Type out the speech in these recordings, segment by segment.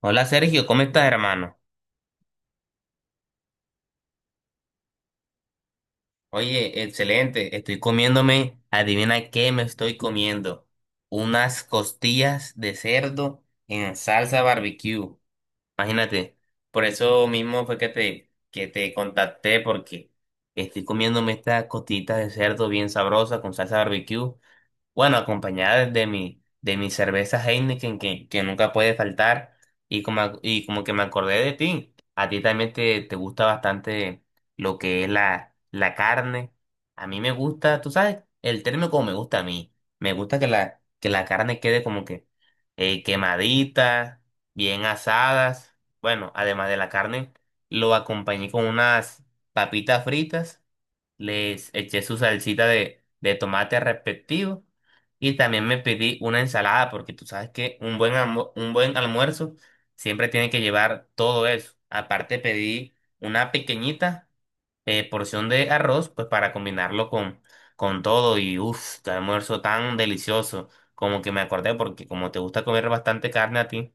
Hola Sergio, ¿cómo estás, hermano? Oye, excelente. Estoy comiéndome, adivina qué me estoy comiendo. Unas costillas de cerdo en salsa barbecue. Imagínate. Por eso mismo fue que te contacté porque estoy comiéndome esta costillita de cerdo bien sabrosa con salsa barbecue. Bueno, acompañada de mi cerveza Heineken que nunca puede faltar. Y como que me acordé de ti, a ti también te gusta bastante lo que es la carne. A mí me gusta, tú sabes, el término como me gusta a mí. Me gusta que la carne quede como que quemadita, bien asadas. Bueno, además de la carne, lo acompañé con unas papitas fritas. Les eché su salsita de tomate respectivo y también me pedí una ensalada, porque tú sabes que un buen almuerzo siempre tiene que llevar todo eso. Aparte pedí una pequeñita porción de arroz, pues para combinarlo con todo. Y uff, qué almuerzo tan delicioso. Como que me acordé, porque como te gusta comer bastante carne a ti.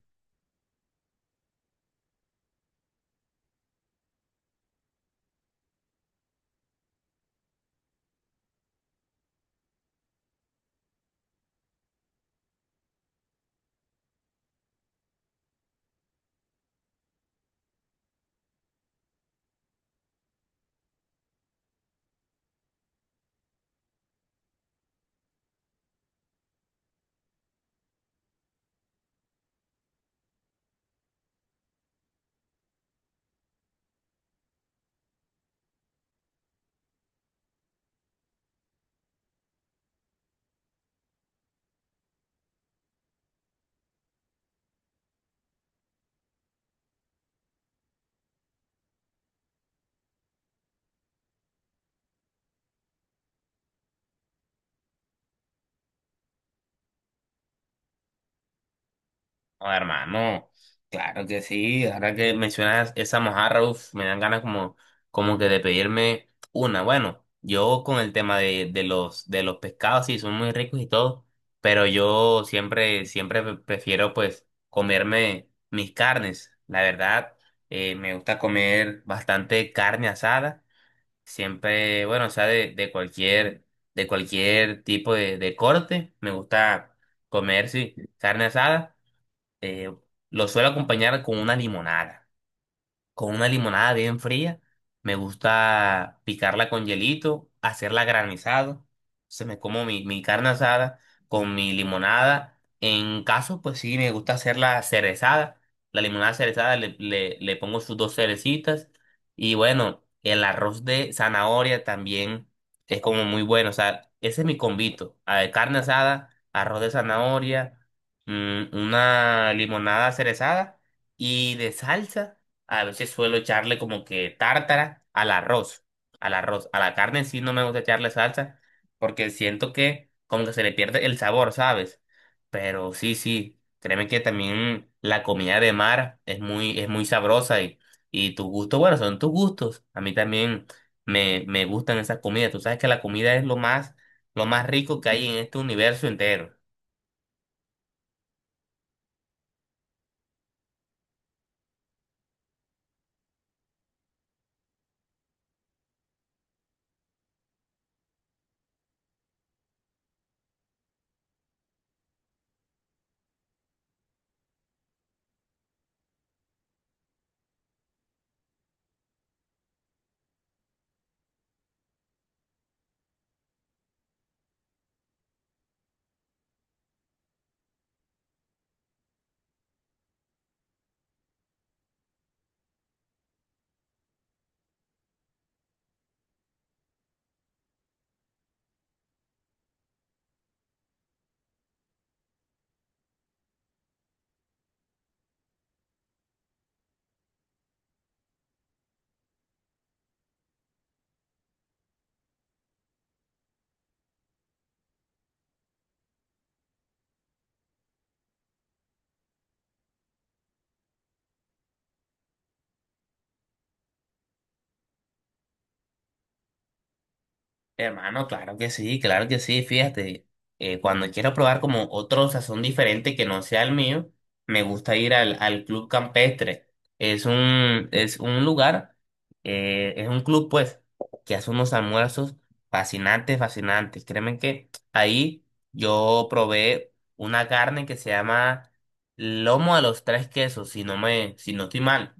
No, hermano, claro que sí. Ahora que mencionas esa mojarra, uf, me dan ganas como, como que de pedirme una. Bueno, yo con el tema de los pescados, sí, son muy ricos y todo, pero yo siempre, siempre prefiero pues comerme mis carnes. La verdad, me gusta comer bastante carne asada. Siempre, bueno, o sea, de cualquier tipo de corte, me gusta comer, sí, carne asada, eh, lo suelo acompañar con una limonada, con una limonada bien fría. Me gusta picarla con hielito, hacerla granizado. Se me como mi carne asada con mi limonada. En caso, pues sí, me gusta hacerla cerezada. La limonada cerezada le pongo sus dos cerecitas. Y bueno, el arroz de zanahoria también es como muy bueno. O sea, ese es mi convito. A ver, carne asada, arroz de zanahoria, una limonada cerezada y de salsa. A veces suelo echarle como que tártara al arroz, a la carne sí no me gusta echarle salsa porque siento que como que se le pierde el sabor, ¿sabes? Pero sí, sí, créeme que también la comida de mar es muy sabrosa y tus gustos, bueno, son tus gustos. A mí también me gustan esas comidas. Tú sabes que la comida es lo más rico que hay en este universo entero. Hermano, claro que sí, fíjate, cuando quiero probar como otro sazón diferente que no sea el mío, me gusta ir al Club Campestre. Es un lugar, es un club pues, que hace unos almuerzos fascinantes, fascinantes. Créeme que ahí yo probé una carne que se llama lomo a los tres quesos, si no estoy mal.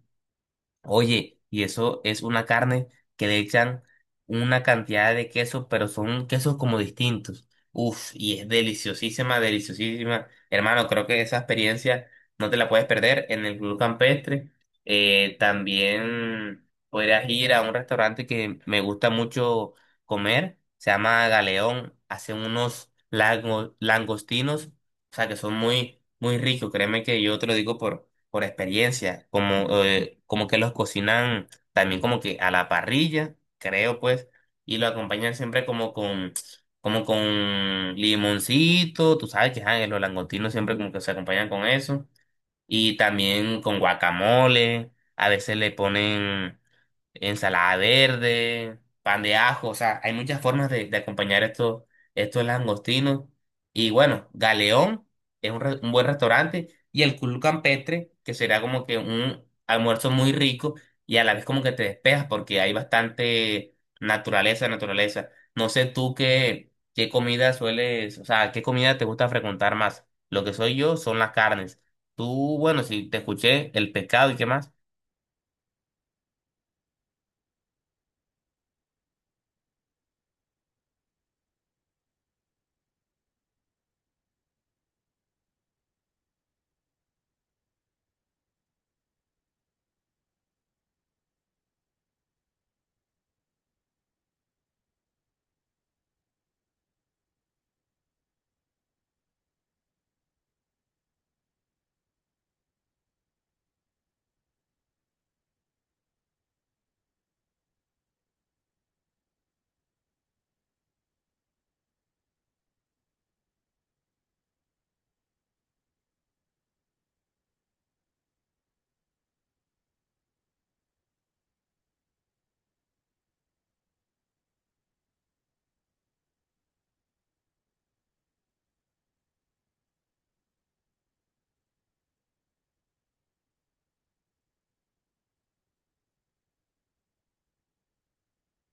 Oye, y eso es una carne que le echan una cantidad de queso, pero son quesos como distintos. Uf, y es deliciosísima, deliciosísima. Hermano, creo que esa experiencia no te la puedes perder en el Club Campestre. También podrías ir a un restaurante que me gusta mucho comer, se llama Galeón. Hacen unos langostinos, o sea, que son muy, muy ricos. Créeme que yo te lo digo por experiencia, como, como que los cocinan también como que a la parrilla, creo pues, y lo acompañan siempre como como con limoncito, tú sabes que ajá, los langostinos siempre como que se acompañan con eso, y también con guacamole, a veces le ponen ensalada verde, pan de ajo, o sea, hay muchas formas de acompañar estos langostinos. Y bueno, Galeón es un buen restaurante y el Club Campestre, que será como que un almuerzo muy rico y a la vez como que te despejas porque hay bastante naturaleza, naturaleza. No sé tú qué, qué comida sueles, o sea, qué comida te gusta frecuentar más. Lo que soy yo son las carnes. Tú, bueno, si te escuché, el pescado y qué más.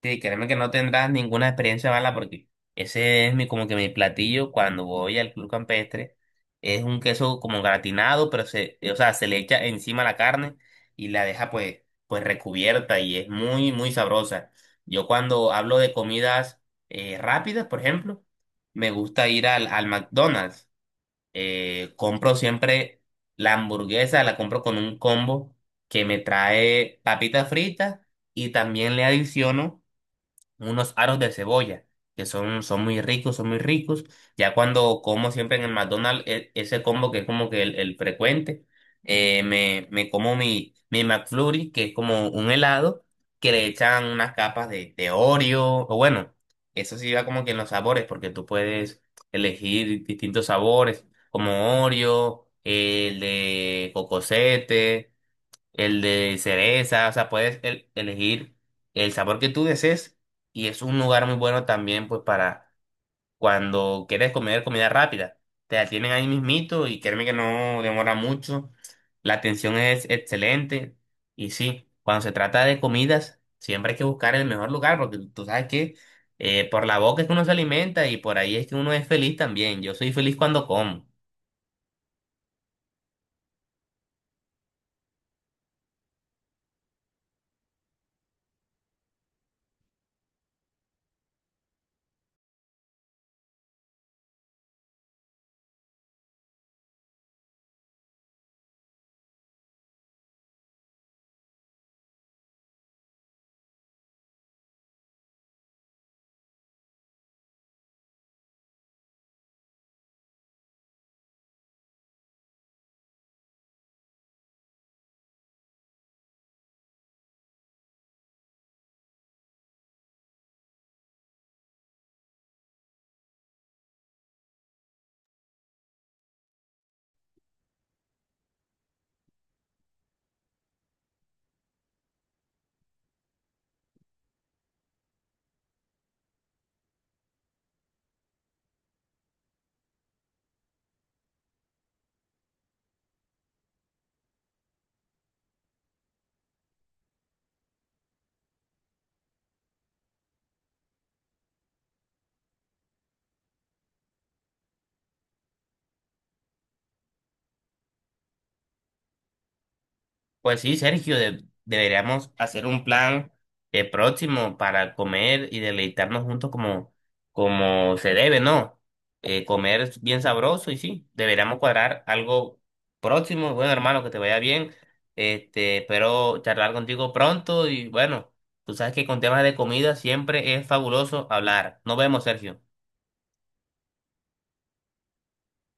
Sí, créeme que no tendrás ninguna experiencia mala porque ese es mi, como que mi platillo cuando voy al club campestre. Es un queso como gratinado, pero se, o sea, se le echa encima la carne y la deja pues, pues recubierta y es muy, muy sabrosa. Yo cuando hablo de comidas rápidas, por ejemplo, me gusta ir al McDonald's. Compro siempre la hamburguesa, la compro con un combo que me trae papitas fritas y también le adiciono unos aros de cebolla, que son, son muy ricos, son muy ricos. Ya cuando como siempre en el McDonald's, ese combo que es como que el frecuente, me como mi McFlurry, que es como un helado, que le echan unas capas de Oreo, o bueno, eso sí va como que en los sabores, porque tú puedes elegir distintos sabores, como Oreo, el de cocosete, el de cereza, o sea, puedes elegir el sabor que tú desees y es un lugar muy bueno también pues para cuando quieres comer comida rápida. Te la tienen ahí mismito y créeme que no demora mucho. La atención es excelente y sí, cuando se trata de comidas siempre hay que buscar el mejor lugar porque tú sabes que por la boca es que uno se alimenta y por ahí es que uno es feliz también. Yo soy feliz cuando como. Pues sí, Sergio, deberíamos hacer un plan próximo para comer y deleitarnos juntos como, como se debe, ¿no? Comer es bien sabroso y sí, deberíamos cuadrar algo próximo. Bueno, hermano, que te vaya bien. Este, espero charlar contigo pronto y bueno, tú sabes que con temas de comida siempre es fabuloso hablar. Nos vemos, Sergio.